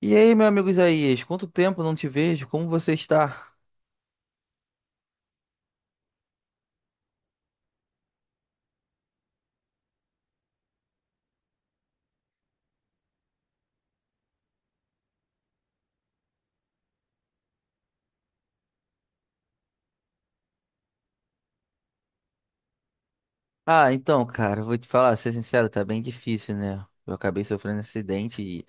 E aí, meu amigo Isaías, quanto tempo não te vejo? Como você está? Ah, então, cara, vou te falar, ser sincero, tá bem difícil, né? Eu acabei sofrendo um acidente e,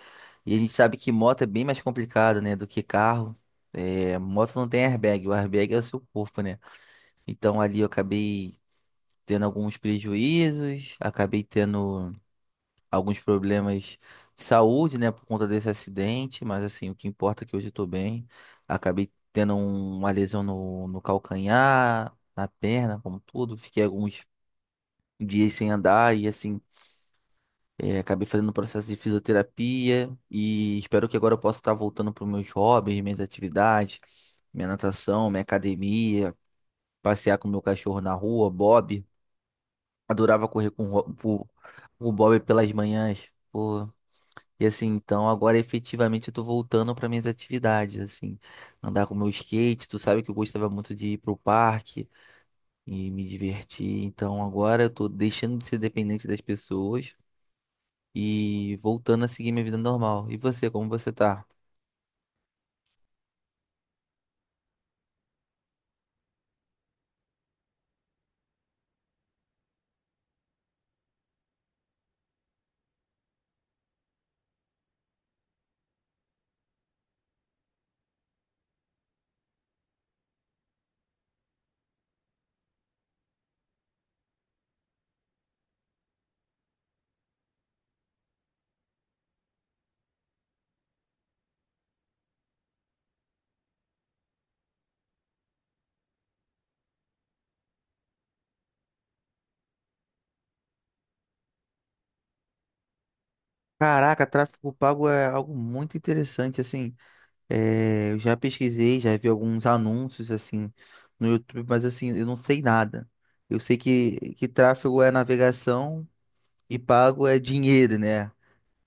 e a gente sabe que moto é bem mais complicado, né, do que carro. É, moto não tem airbag, o airbag é o seu corpo, né? Então ali eu acabei tendo alguns prejuízos, acabei tendo alguns problemas de saúde, né, por conta desse acidente, mas assim, o que importa é que hoje eu tô bem. Acabei tendo uma lesão no calcanhar, na perna, como tudo. Fiquei alguns dias sem andar e assim, acabei fazendo um processo de fisioterapia e espero que agora eu possa estar voltando para os meus hobbies, minhas atividades, minha natação, minha academia, passear com meu cachorro na rua, Bob. Adorava correr com o Bob pelas manhãs. Pô, e assim, então agora efetivamente eu tô voltando para minhas atividades, assim, andar com meu skate, tu sabe que eu gostava muito de ir pro parque e me divertir, então agora eu tô deixando de ser dependente das pessoas e voltando a seguir minha vida normal. E você, como você tá? Caraca, tráfego pago é algo muito interessante, assim, eu já pesquisei, já vi alguns anúncios, assim, no YouTube, mas assim, eu não sei nada. Eu sei que tráfego é navegação e pago é dinheiro, né?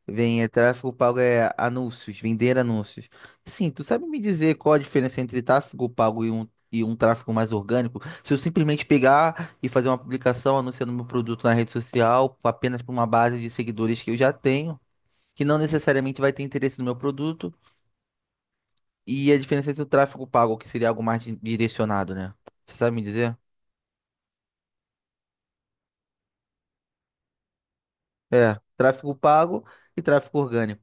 Vem, é, tráfego pago é anúncios, vender anúncios. Sim, tu sabe me dizer qual a diferença entre tráfego pago e um tráfego mais orgânico? Se eu simplesmente pegar e fazer uma publicação anunciando meu produto na rede social, apenas para uma base de seguidores que eu já tenho, que não necessariamente vai ter interesse no meu produto, e a diferença entre o tráfego pago, que seria algo mais direcionado, né? Você sabe me dizer? É, tráfego pago e tráfego orgânico.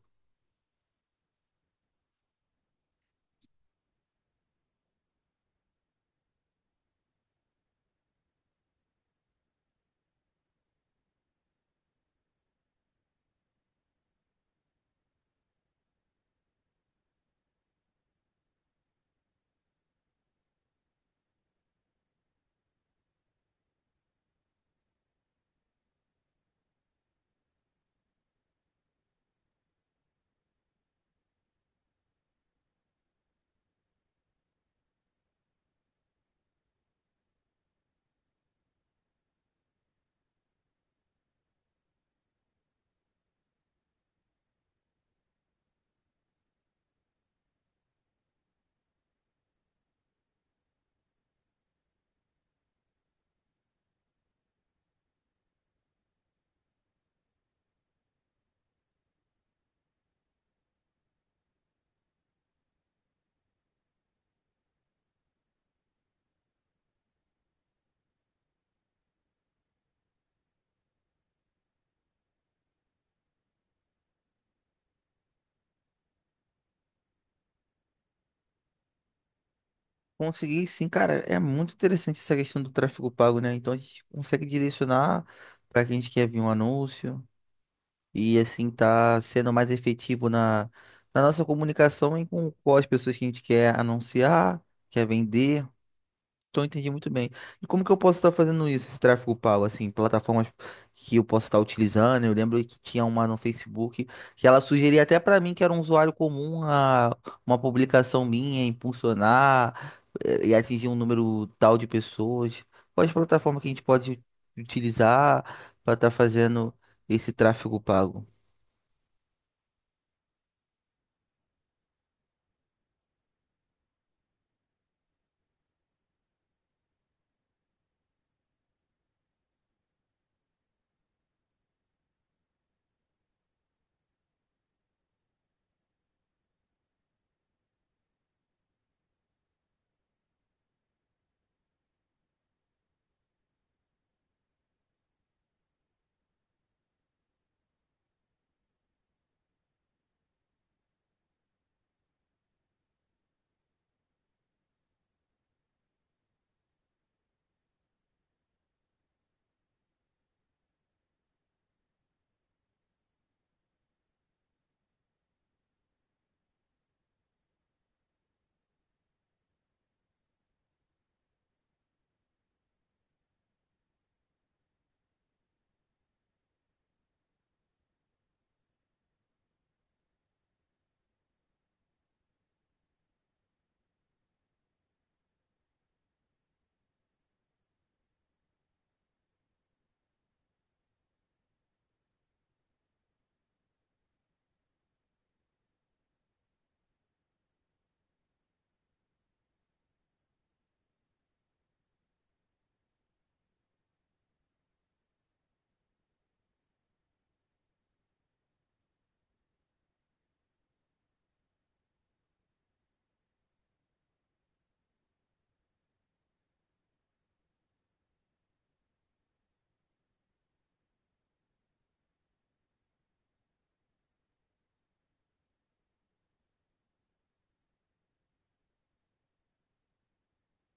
Consegui sim, cara. É muito interessante essa questão do tráfego pago, né? Então a gente consegue direcionar para quem a gente quer ver um anúncio e assim tá sendo mais efetivo na nossa comunicação e com as pessoas que a gente quer anunciar, quer vender. Então, eu entendi muito bem. E como que eu posso estar fazendo isso, esse tráfego pago, assim, plataformas que eu posso estar utilizando? Eu lembro que tinha uma no Facebook que ela sugeria até para mim, que era um usuário comum, a uma publicação minha impulsionar e atingir um número tal de pessoas. Quais plataformas que a gente pode utilizar para estar fazendo esse tráfego pago?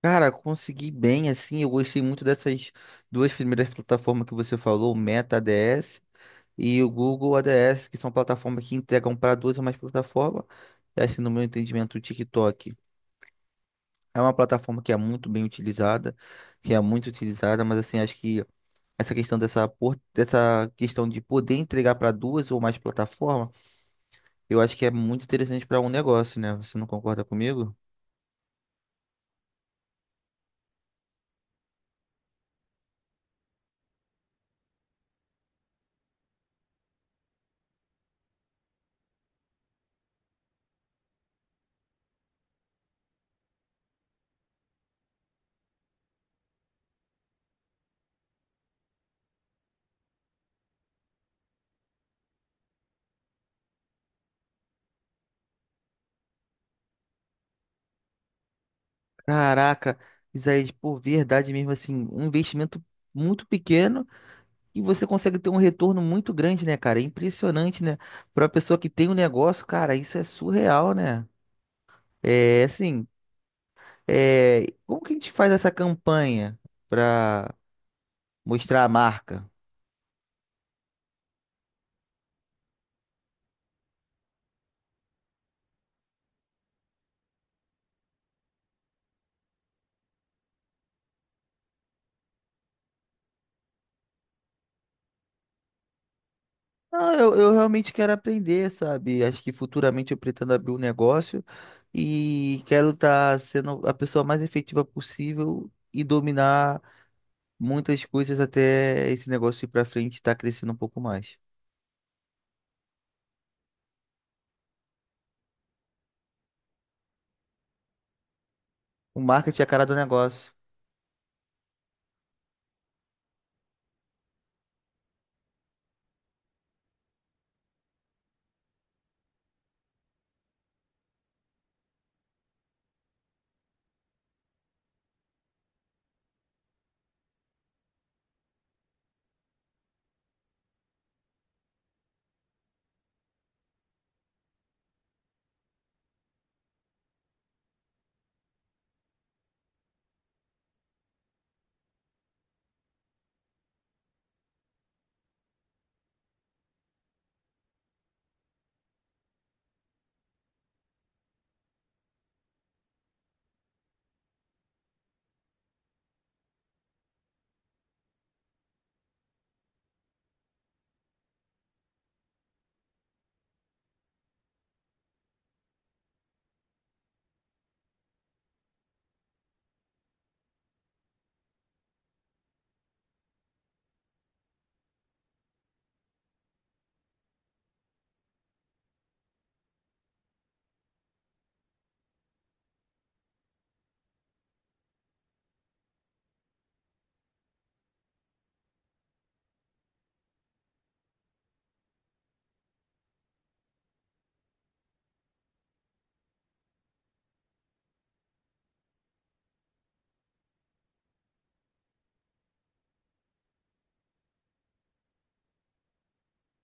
Cara, consegui bem, assim, eu gostei muito dessas duas primeiras plataformas que você falou, o Meta ADS e o Google ADS, que são plataformas que entregam para duas ou mais plataformas. E assim, no meu entendimento, o TikTok é uma plataforma que é muito bem utilizada, que é muito utilizada, mas assim, acho que essa questão dessa, dessa questão de poder entregar para duas ou mais plataformas, eu acho que é muito interessante para um negócio, né? Você não concorda comigo? Caraca, Isaías, por verdade mesmo, assim, um investimento muito pequeno e você consegue ter um retorno muito grande, né, cara? É impressionante, né? Para uma pessoa que tem um negócio, cara, isso é surreal, né? É assim, é... como que a gente faz essa campanha para mostrar a marca? Ah, eu realmente quero aprender, sabe? Acho que futuramente eu pretendo abrir um negócio e quero estar sendo a pessoa mais efetiva possível e dominar muitas coisas até esse negócio ir para frente e estar crescendo um pouco mais. O marketing é a cara do negócio.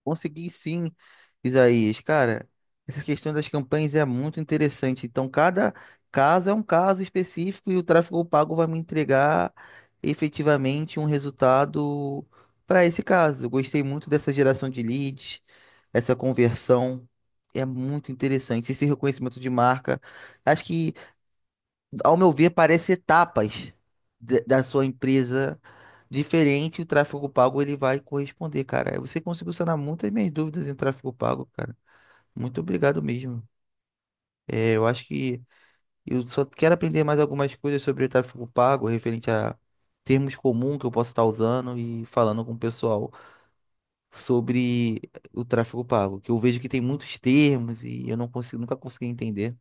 Consegui sim, Isaías. Cara, essa questão das campanhas é muito interessante. Então, cada caso é um caso específico e o tráfego pago vai me entregar efetivamente um resultado para esse caso. Eu gostei muito dessa geração de leads, essa conversão. É muito interessante. Esse reconhecimento de marca. Acho que ao meu ver, parece etapas da sua empresa diferente, o tráfego pago ele vai corresponder, cara. Você conseguiu sanar muitas minhas dúvidas em tráfego pago, cara. Muito obrigado mesmo. É, eu acho que eu só quero aprender mais algumas coisas sobre tráfego pago, referente a termos comuns que eu posso estar usando e falando com o pessoal sobre o tráfego pago, que eu vejo que tem muitos termos e eu não consigo, nunca consegui entender.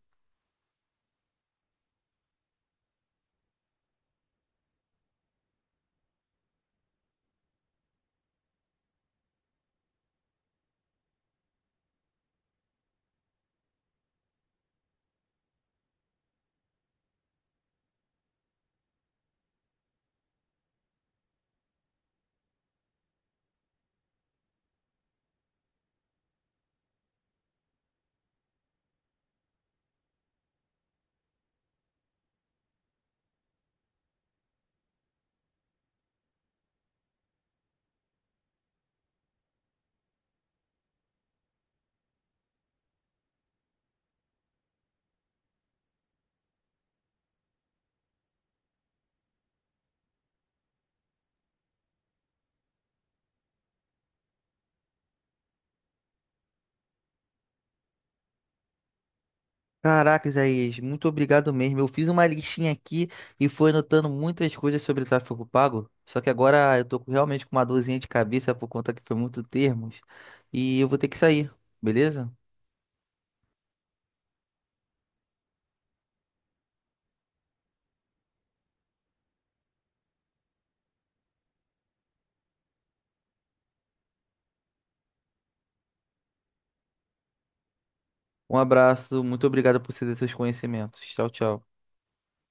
Caraca, Isaías, muito obrigado mesmo. Eu fiz uma listinha aqui e fui anotando muitas coisas sobre tráfego pago. Só que agora eu tô realmente com uma dorzinha de cabeça por conta que foi muito termos. E eu vou ter que sair, beleza? Um abraço, muito obrigado por ceder seus conhecimentos. Tchau, tchau.